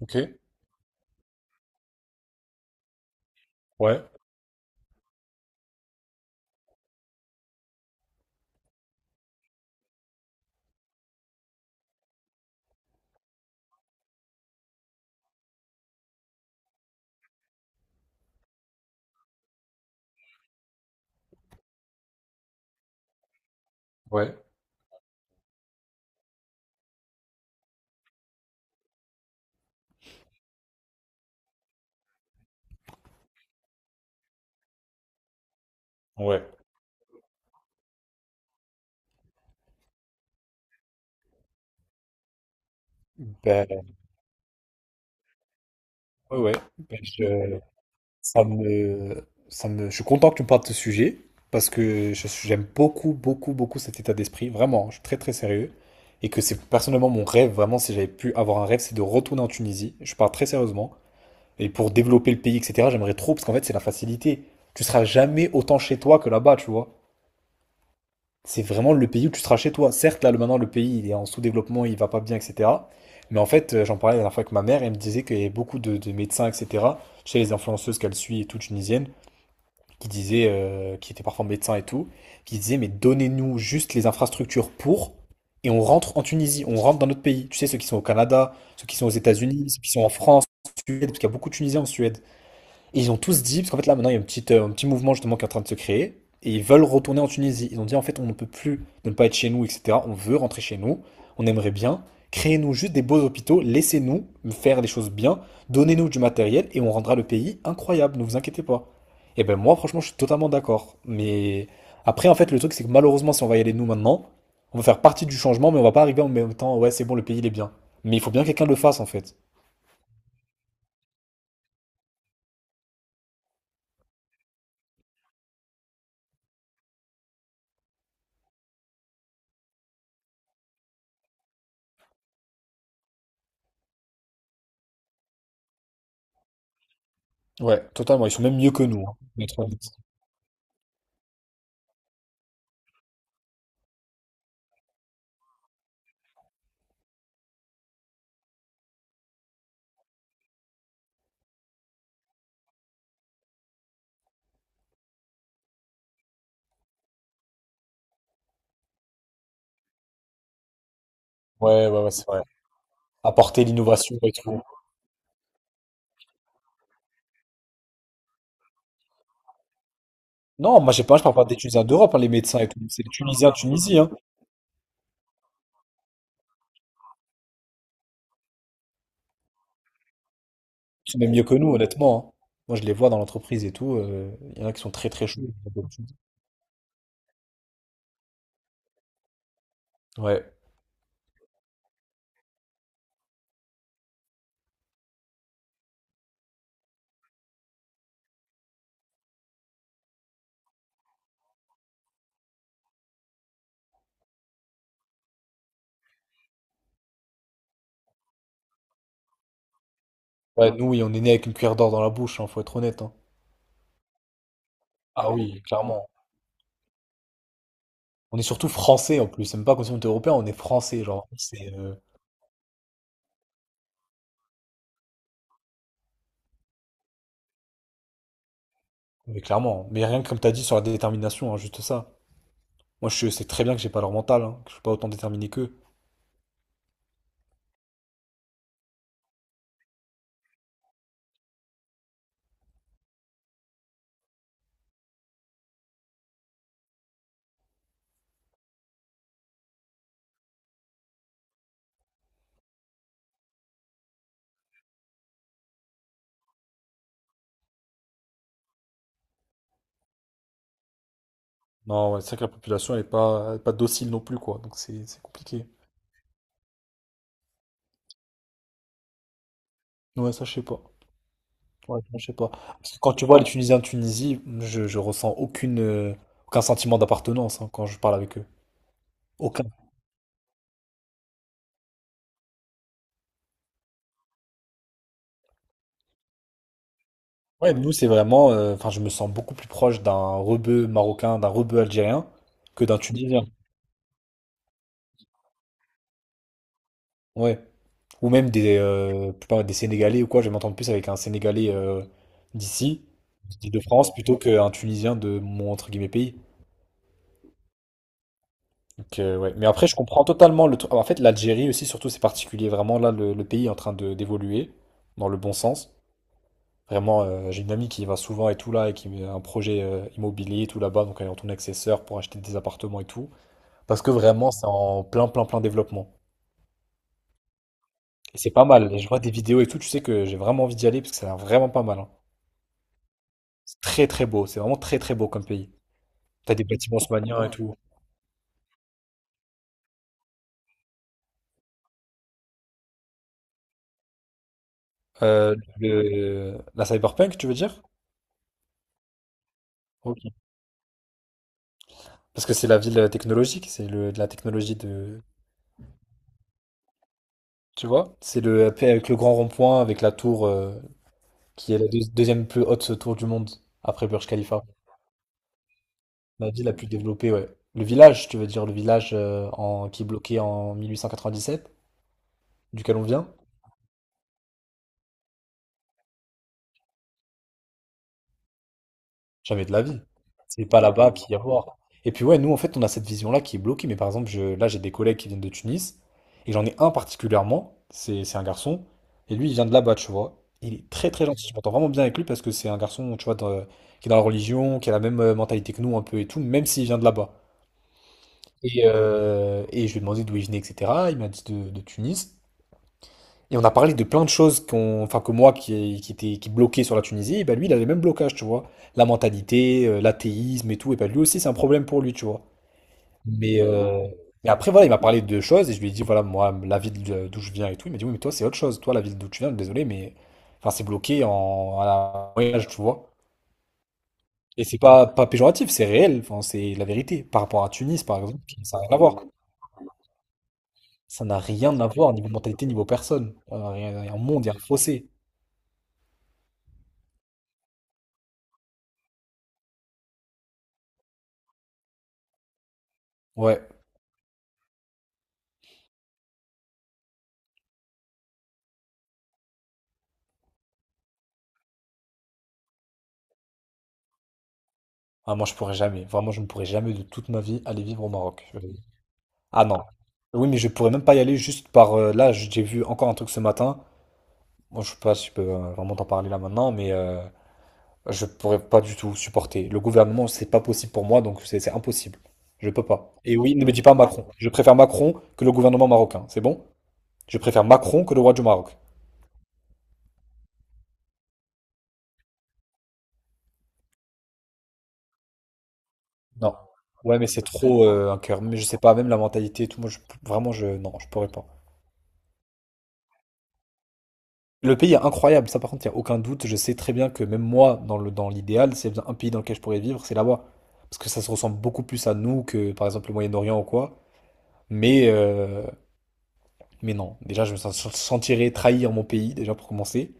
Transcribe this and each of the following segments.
Ok, ouais, ouais, ouais, ben, ouais, ouais. ben, je, ça me, je suis content que tu me parles de ce sujet parce que j'aime beaucoup, beaucoup, beaucoup cet état d'esprit. Vraiment, je suis très, très sérieux. Et que c'est personnellement mon rêve, vraiment, si j'avais pu avoir un rêve, c'est de retourner en Tunisie. Je parle très sérieusement. Et pour développer le pays, etc., j'aimerais trop parce qu'en fait, c'est la facilité. Tu seras jamais autant chez toi que là-bas, tu vois. C'est vraiment le pays où tu seras chez toi. Certes, là, maintenant, le pays, il est en sous-développement, il va pas bien, etc. Mais en fait, j'en parlais la dernière fois avec ma mère, elle me disait qu'il y avait beaucoup de médecins, etc. Chez les influenceuses qu'elle suit et tout, tunisiennes, qui disaient, qui étaient parfois médecins et tout, qui disaient, mais donnez-nous juste les infrastructures pour, et on rentre en Tunisie, on rentre dans notre pays. Tu sais, ceux qui sont au Canada, ceux qui sont aux États-Unis, ceux qui sont en France, en Suède, parce qu'il y a beaucoup de Tunisiens en Suède. Et ils ont tous dit, parce qu'en fait là maintenant il y a un petit mouvement justement qui est en train de se créer, et ils veulent retourner en Tunisie. Ils ont dit en fait on ne peut plus ne pas être chez nous, etc. On veut rentrer chez nous, on aimerait bien. Créez-nous juste des beaux hôpitaux, laissez-nous faire des choses bien, donnez-nous du matériel et on rendra le pays incroyable, ne vous inquiétez pas. Et ben moi franchement je suis totalement d'accord. Mais après en fait le truc c'est que malheureusement si on va y aller nous maintenant, on va faire partie du changement mais on va pas arriver en même temps, ouais c'est bon le pays il est bien. Mais il faut bien que quelqu'un le fasse en fait. Ouais, totalement, ils sont même mieux que nous, hein, notre. Ouais, ouais, ouais, c'est vrai. Apporter l'innovation et tout. Non, moi, j'ai pas, je parle pas des Tunisiens d'Europe, hein, les médecins et tout. C'est les Tunisiens de Tunisie, hein. Ils sont même mieux que nous, honnêtement, hein. Moi, je les vois dans l'entreprise et tout. Il y en a qui sont très, très chauds. Ouais. Ouais, nous, oui, on est né avec une cuillère d'or dans la bouche, hein, faut être honnête, hein. Ah oui, clairement. On est surtout français en plus. C'est même pas comme si on était européen, on est français, genre. C'est, mais clairement. Mais rien que comme t'as dit sur la détermination, hein, juste ça. Moi, je sais très bien que j'ai pas leur mental, hein, que je suis pas autant déterminé qu'eux. Non, ouais, c'est vrai que la population, elle est pas docile non plus, quoi. Donc c'est compliqué. Ouais, ça, je sais pas. Ouais, je sais pas. Parce que quand tu vois les Tunisiens de Tunisie, je ressens aucune, aucun sentiment d'appartenance, hein, quand je parle avec eux. Aucun. Ouais, nous, c'est vraiment. Enfin, je me sens beaucoup plus proche d'un rebeu marocain, d'un rebeu algérien que d'un Tunisien. Ouais. Ou même des, je sais pas, des Sénégalais ou quoi. Je vais m'entendre plus avec un Sénégalais d'ici, de France, plutôt qu'un Tunisien de mon, entre guillemets, pays. Donc, ouais. Mais après, je comprends totalement le truc. En fait, l'Algérie aussi, surtout, c'est particulier. Vraiment, là, le pays est en train de d'évoluer dans le bon sens. Vraiment, j'ai une amie qui y va souvent et tout là, et qui a un projet immobilier et tout là-bas. Donc, elle est en tournée avec ses sœurs pour acheter des appartements et tout. Parce que vraiment, c'est en plein, plein, plein développement. Et c'est pas mal. Et je vois des vidéos et tout, tu sais que j'ai vraiment envie d'y aller parce que ça a l'air vraiment pas mal, hein. C'est très, très beau. C'est vraiment très, très beau comme pays. T'as des bâtiments haussmanniens et tout. La cyberpunk, tu veux dire? Parce que c'est la ville technologique, c'est le, de la technologie de... Tu vois? C'est le, avec le grand rond-point, avec la tour qui est la deuxième plus haute tour du monde, après Burj Khalifa. La ville la plus développée, ouais. Le village, tu veux dire, le village qui est bloqué en 1897 duquel on vient. Jamais de la vie. C'est pas là-bas qu'il y a à voir. Et puis ouais, nous en fait, on a cette vision-là qui est bloquée. Mais par exemple, là, j'ai des collègues qui viennent de Tunis, et j'en ai un particulièrement, c'est un garçon, et lui, il vient de là-bas, tu vois. Il est très très gentil. Je m'entends vraiment bien avec lui parce que c'est un garçon, tu vois, qui est dans la religion, qui a la même mentalité que nous un peu et tout, même s'il vient de là-bas. Et je lui ai demandé d'où il venait, etc. Il m'a dit de Tunis. Et on a parlé de plein de choses enfin que moi qui était qui bloquait sur la Tunisie, et ben lui il a les mêmes blocages, tu vois. La mentalité, l'athéisme et tout, et ben lui aussi c'est un problème pour lui, tu vois. Mais, euh, mais après voilà, il m'a parlé de choses et je lui ai dit voilà moi la ville d'où je viens et tout, il m'a dit oui mais toi c'est autre chose, toi la ville d'où tu viens, désolé mais enfin c'est bloqué en à la moyen tu vois. Et c'est pas péjoratif, c'est réel, enfin c'est la vérité. Par rapport à Tunis par exemple, ça n'a rien à voir. Ça n'a rien à voir niveau mentalité, niveau personne. Il y a un monde, il y a un fossé. Ouais. Ah, moi, je pourrais jamais. Vraiment, je ne pourrais jamais de toute ma vie aller vivre au Maroc. Ah non. Oui, mais je pourrais même pas y aller juste par. Là, j'ai vu encore un truc ce matin. Moi, je sais pas si je peux vraiment t'en parler là maintenant, mais je pourrais pas du tout supporter. Le gouvernement, c'est pas possible pour moi, donc c'est impossible. Je peux pas. Et oui, ne me dis pas Macron. Je préfère Macron que le gouvernement marocain. C'est bon? Je préfère Macron que le roi du Maroc. Non. Ouais, mais c'est trop un cœur. Mais je sais pas, même la mentalité et tout. Moi, vraiment, Non, je pourrais pas. Le pays est incroyable, ça par contre, il n'y a aucun doute. Je sais très bien que même moi, dans l'idéal, s'il y a bien un pays dans lequel je pourrais vivre, c'est là-bas. Parce que ça se ressemble beaucoup plus à nous que par exemple le Moyen-Orient ou quoi. Mais, euh, mais non, déjà je me sentirais trahir mon pays, déjà pour commencer.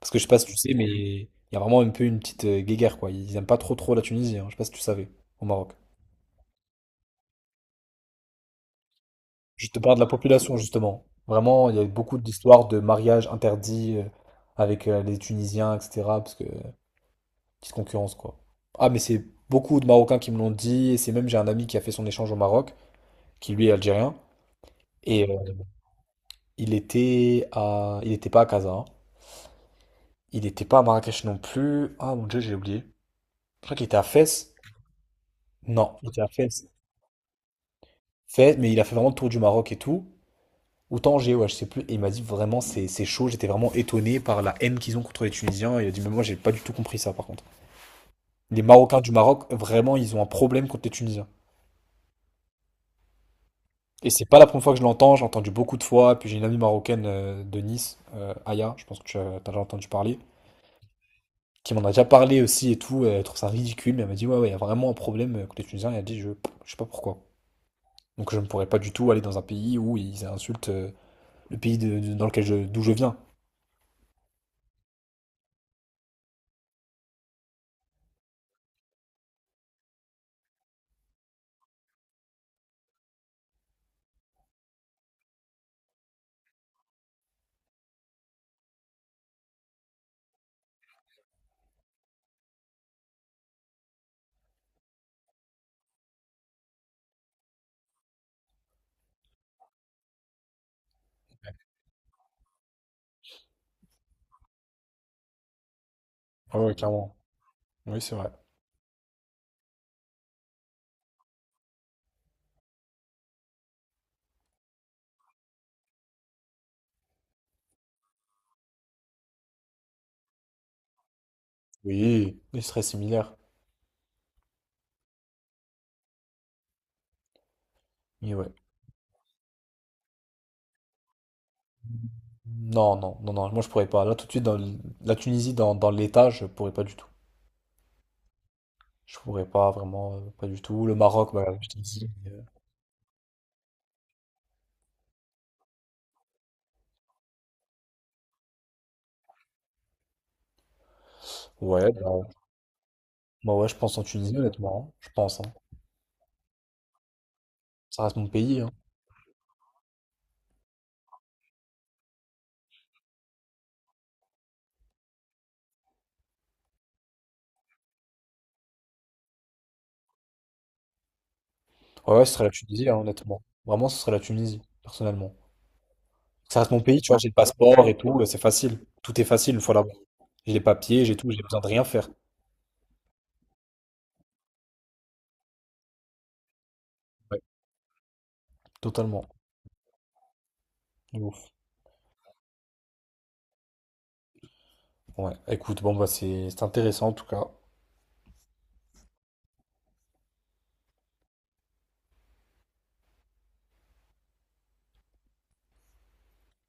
Parce que je sais pas si tu sais, mais il y a vraiment un peu une petite guéguerre, quoi. Ils aiment pas trop trop la Tunisie, hein. Je sais pas si tu savais, au Maroc. Je te parle de la population, justement. Vraiment, il y a eu beaucoup d'histoires de mariages interdits avec les Tunisiens, etc. Parce que petite concurrence, quoi. Ah, mais c'est beaucoup de Marocains qui me l'ont dit. Et c'est même, j'ai un ami qui a fait son échange au Maroc, qui lui est algérien. Et il n'était pas à Casa, hein. Il n'était pas à Marrakech non plus. Ah, mon Dieu, j'ai oublié. Je crois qu'il était à Fès. Non, il était à Fès. Fès, mais il a fait vraiment le tour du Maroc et tout. Ou Tanger, ouais, je sais plus. Et il m'a dit vraiment, c'est chaud. J'étais vraiment étonné par la haine qu'ils ont contre les Tunisiens. Il a dit, mais moi, j'ai pas du tout compris ça, par contre. Les Marocains du Maroc, vraiment, ils ont un problème contre les Tunisiens. Et c'est pas la première fois que je l'entends, j'ai entendu beaucoup de fois, puis j'ai une amie marocaine de Nice, Aya, je pense que t'as déjà entendu parler, qui m'en a déjà parlé aussi et tout, elle trouve ça ridicule, mais elle m'a dit ouais ouais, il y a vraiment un problème côté tunisien, et elle a dit je sais pas pourquoi. Donc je ne pourrais pas du tout aller dans un pays où ils insultent le pays dans lequel d'où je viens. Ah ouais, clairement. Oui, c'est vrai. Oui, il serait similaire. Mais ouais. Non, non, non, non, moi je pourrais pas. Là tout de suite, dans la Tunisie, dans l'État, je pourrais pas du tout. Je pourrais pas vraiment, pas du tout. Le Maroc, bah, je t'ai dit. Ouais, bah ouais, je pense en Tunisie, honnêtement, hein. Je pense, hein. Ça reste mon pays, hein. Ouais, ouais, ce serait la Tunisie, hein, honnêtement. Vraiment, ce serait la Tunisie, personnellement. Ça reste mon pays, tu vois, j'ai le passeport et tout, c'est facile. Tout est facile une fois là-bas. J'ai les papiers, j'ai tout, j'ai besoin de rien faire. Ouais, totalement. De ouf. Ouais, écoute, bon, bah, c'est intéressant en tout cas.